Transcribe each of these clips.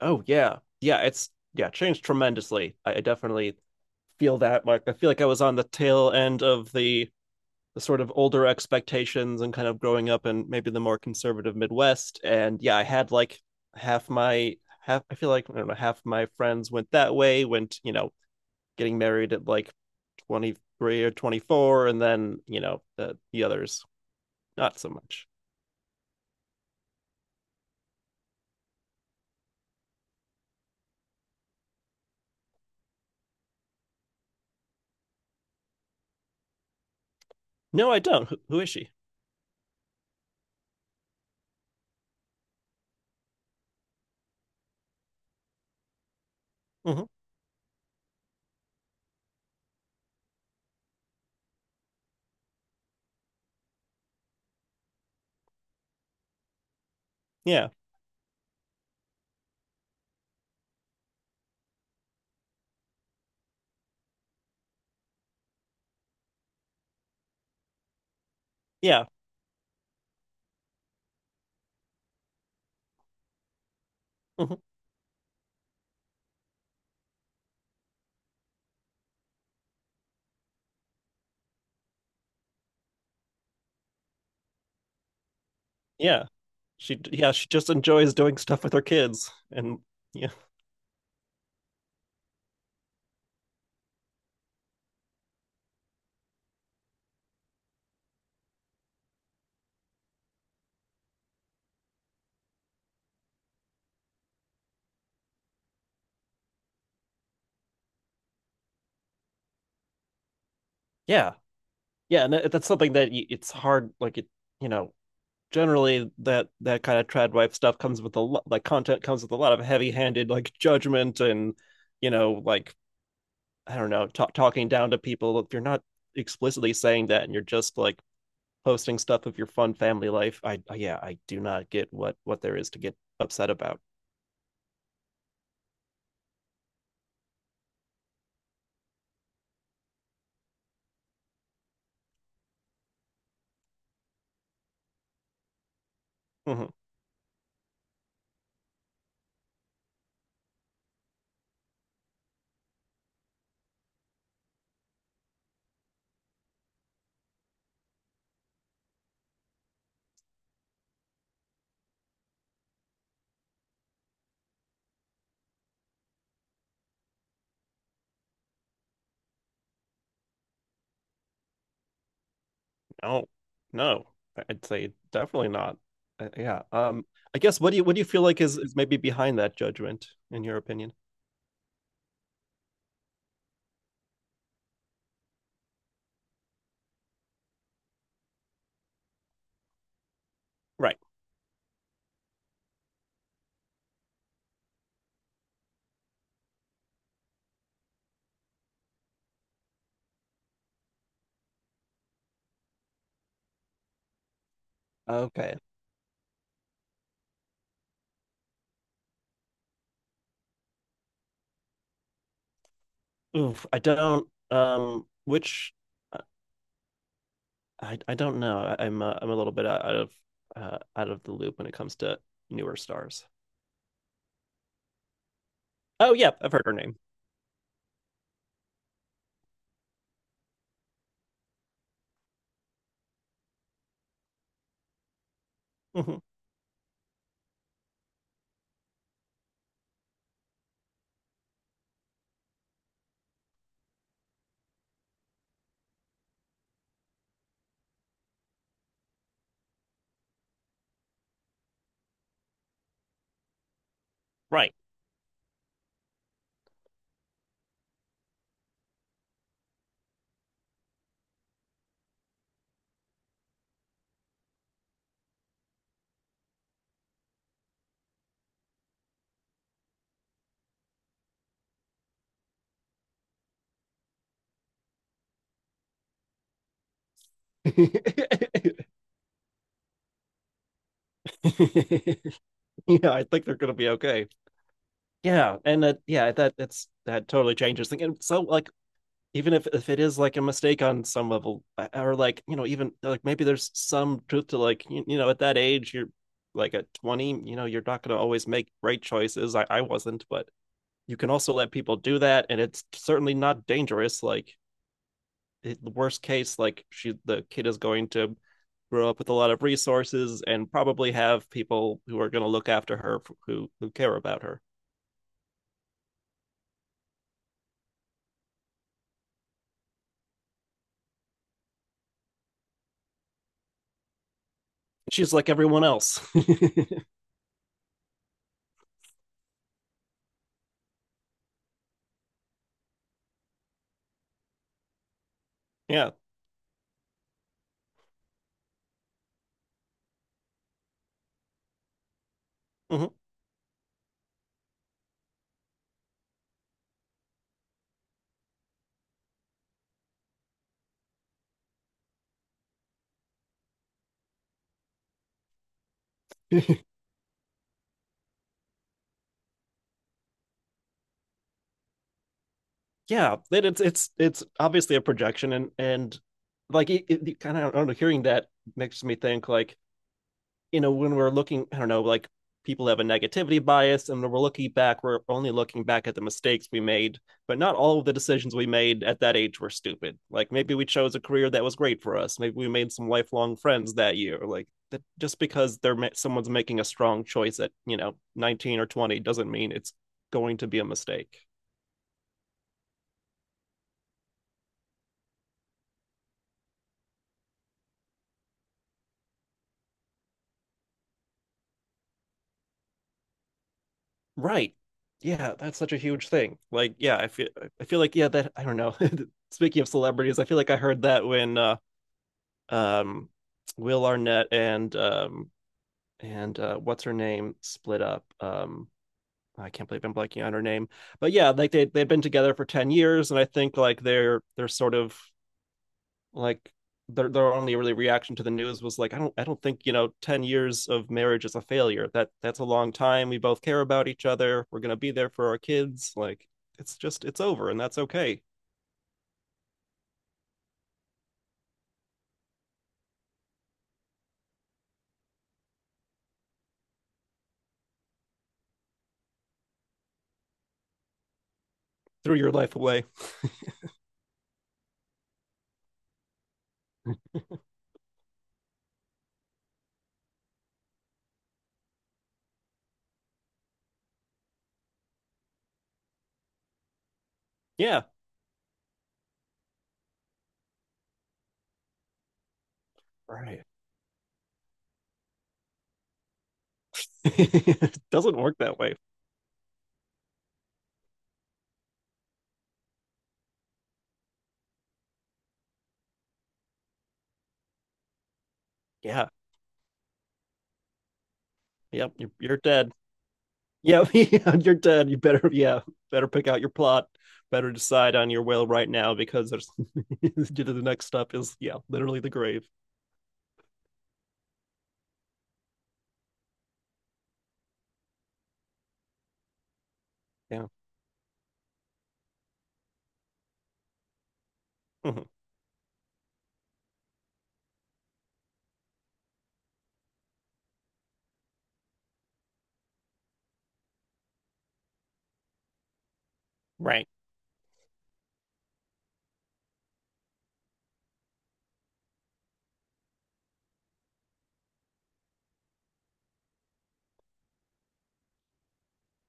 Oh yeah, yeah. It's changed tremendously. I definitely feel that. Like I feel like I was on the tail end of the sort of older expectations and kind of growing up in maybe the more conservative Midwest. And yeah, I had like half my half. I feel like I don't know half my friends went that way. Went you know Getting married at like 23 or 24, and then the others not so much. No, I don't. Who is she? hmm Yeah, yeah. hmm Yeah. She she just enjoys doing stuff with her kids and yeah. Yeah. Yeah, and that's something that it's hard you know, generally that that kind of trad wife stuff comes with a lot like content comes with a lot of heavy-handed like judgment and you know, like I don't know, ta talking down to people if you're not explicitly saying that and you're just like posting stuff of your fun family life. I do not get what there is to get upset about. Mhm. No, no, I'd say definitely not. Uh, yeah. Um, I guess what do you feel like is maybe behind that judgment in your opinion? Right. Okay. Oof, I don't which uh, I don't know. I'm a little bit out of out of the loop when it comes to newer stars. Oh yeah, I've heard her name. hmm Right. Yeah, I think they're gonna be okay. Yeah, and that yeah, that that's that totally changes things. And so like even if it is like a mistake on some level or like you know even like maybe there's some truth to like you know at that age you're like at 20 you know you're not going to always make right choices I wasn't but you can also let people do that and it's certainly not dangerous like the worst case like she the kid is going to grow up with a lot of resources and probably have people who are going to look after her who care about her. She's like everyone else. Yeah. Mm-hmm. Yeah, it, it's obviously a projection, and it kind of I don't know, hearing that makes me think like you know when we're looking, I don't know, like people have a negativity bias, and when we're looking back, we're only looking back at the mistakes we made, but not all of the decisions we made at that age were stupid. Like maybe we chose a career that was great for us, maybe we made some lifelong friends that year, like. That just because they're someone's making a strong choice at you know 19 or 20 doesn't mean it's going to be a mistake. Right. Yeah, that's such a huge thing. Like, yeah, I feel like yeah, that I don't know. Speaking of celebrities, I feel like I heard that when um Will Arnett and what's her name split up. I can't believe I'm blanking on her name. But yeah, like they've been together for 10 years and I think like they're sort of like their only really reaction to the news was like, I don't think, you know, 10 years of marriage is a failure. That's a long time. We both care about each other. We're gonna be there for our kids. Like it's just it's over and that's okay. Threw your life away. Yeah. Right. It doesn't work that way. Yeah. Yep. You're dead. Yeah, yeah, you're dead. You better pick out your plot. Better decide on your will right now because there's the next step is yeah, literally the grave. Yeah. Mhm. Right.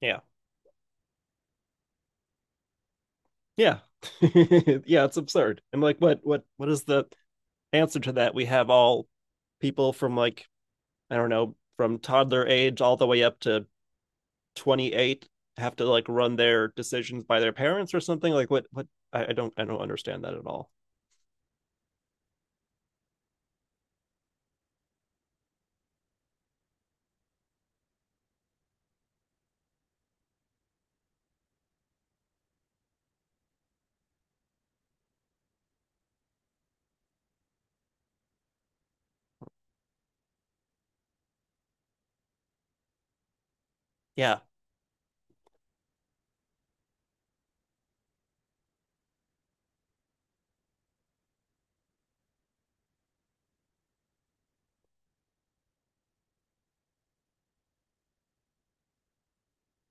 Yeah. Yeah. Yeah, it's absurd. And like what is the answer to that? We have all people from like, I don't know, from toddler age all the way up to 28 have to like run their decisions by their parents or something. Like what I don't understand that at all. Yeah.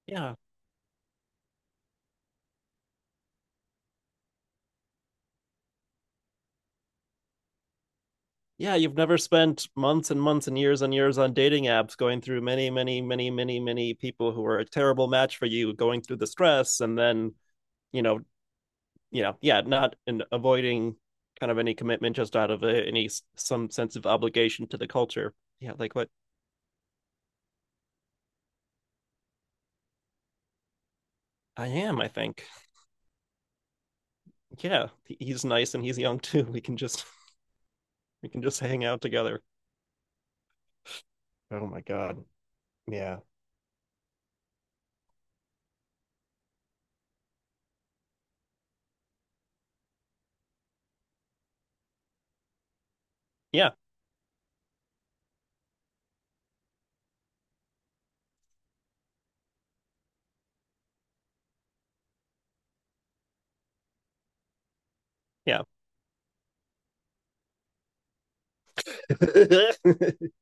Yeah. Yeah, you've never spent months and months and years on dating apps going through many, many, many, many, many people who are a terrible match for you, going through the stress and then, you know, yeah, not in avoiding kind of any commitment just out of any some sense of obligation to the culture. Yeah, like what I am, I think. Yeah, he's nice and he's young too. We can just hang out together. Oh my God. Yeah. Yeah. Yeah.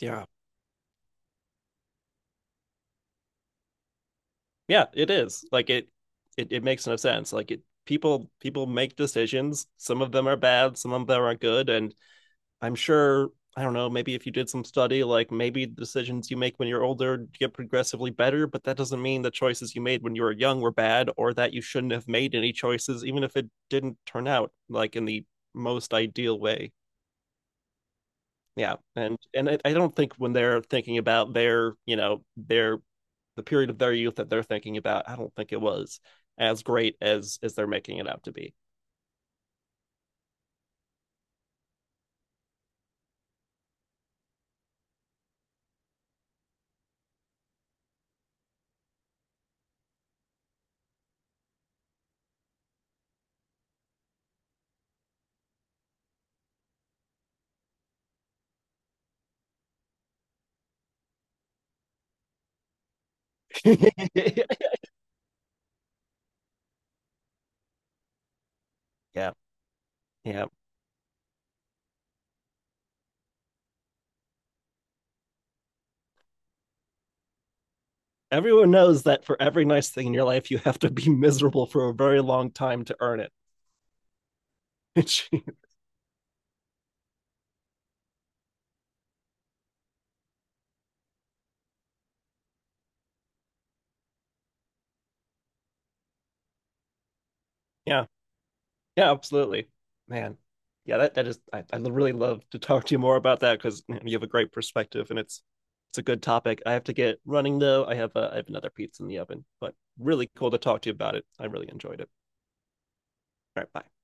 Yeah. Yeah, it is. It makes no sense. Like it people people make decisions. Some of them are bad, some of them are good, and I'm sure I don't know, maybe if you did some study, like maybe the decisions you make when you're older get progressively better, but that doesn't mean the choices you made when you were young were bad or that you shouldn't have made any choices, even if it didn't turn out like in the most ideal way. Yeah. And I don't think when they're thinking about their, you know, their the period of their youth that they're thinking about, I don't think it was as great as they're making it out to be. Yeah. Yeah. Everyone knows that for every nice thing in your life, you have to be miserable for a very long time to earn it. Yeah, yeah, absolutely, man. Yeah, that that is. I really love to talk to you more about that because you know, you have a great perspective, and it's a good topic. I have to get running though. I have another pizza in the oven, but really cool to talk to you about it. I really enjoyed it. All right, bye.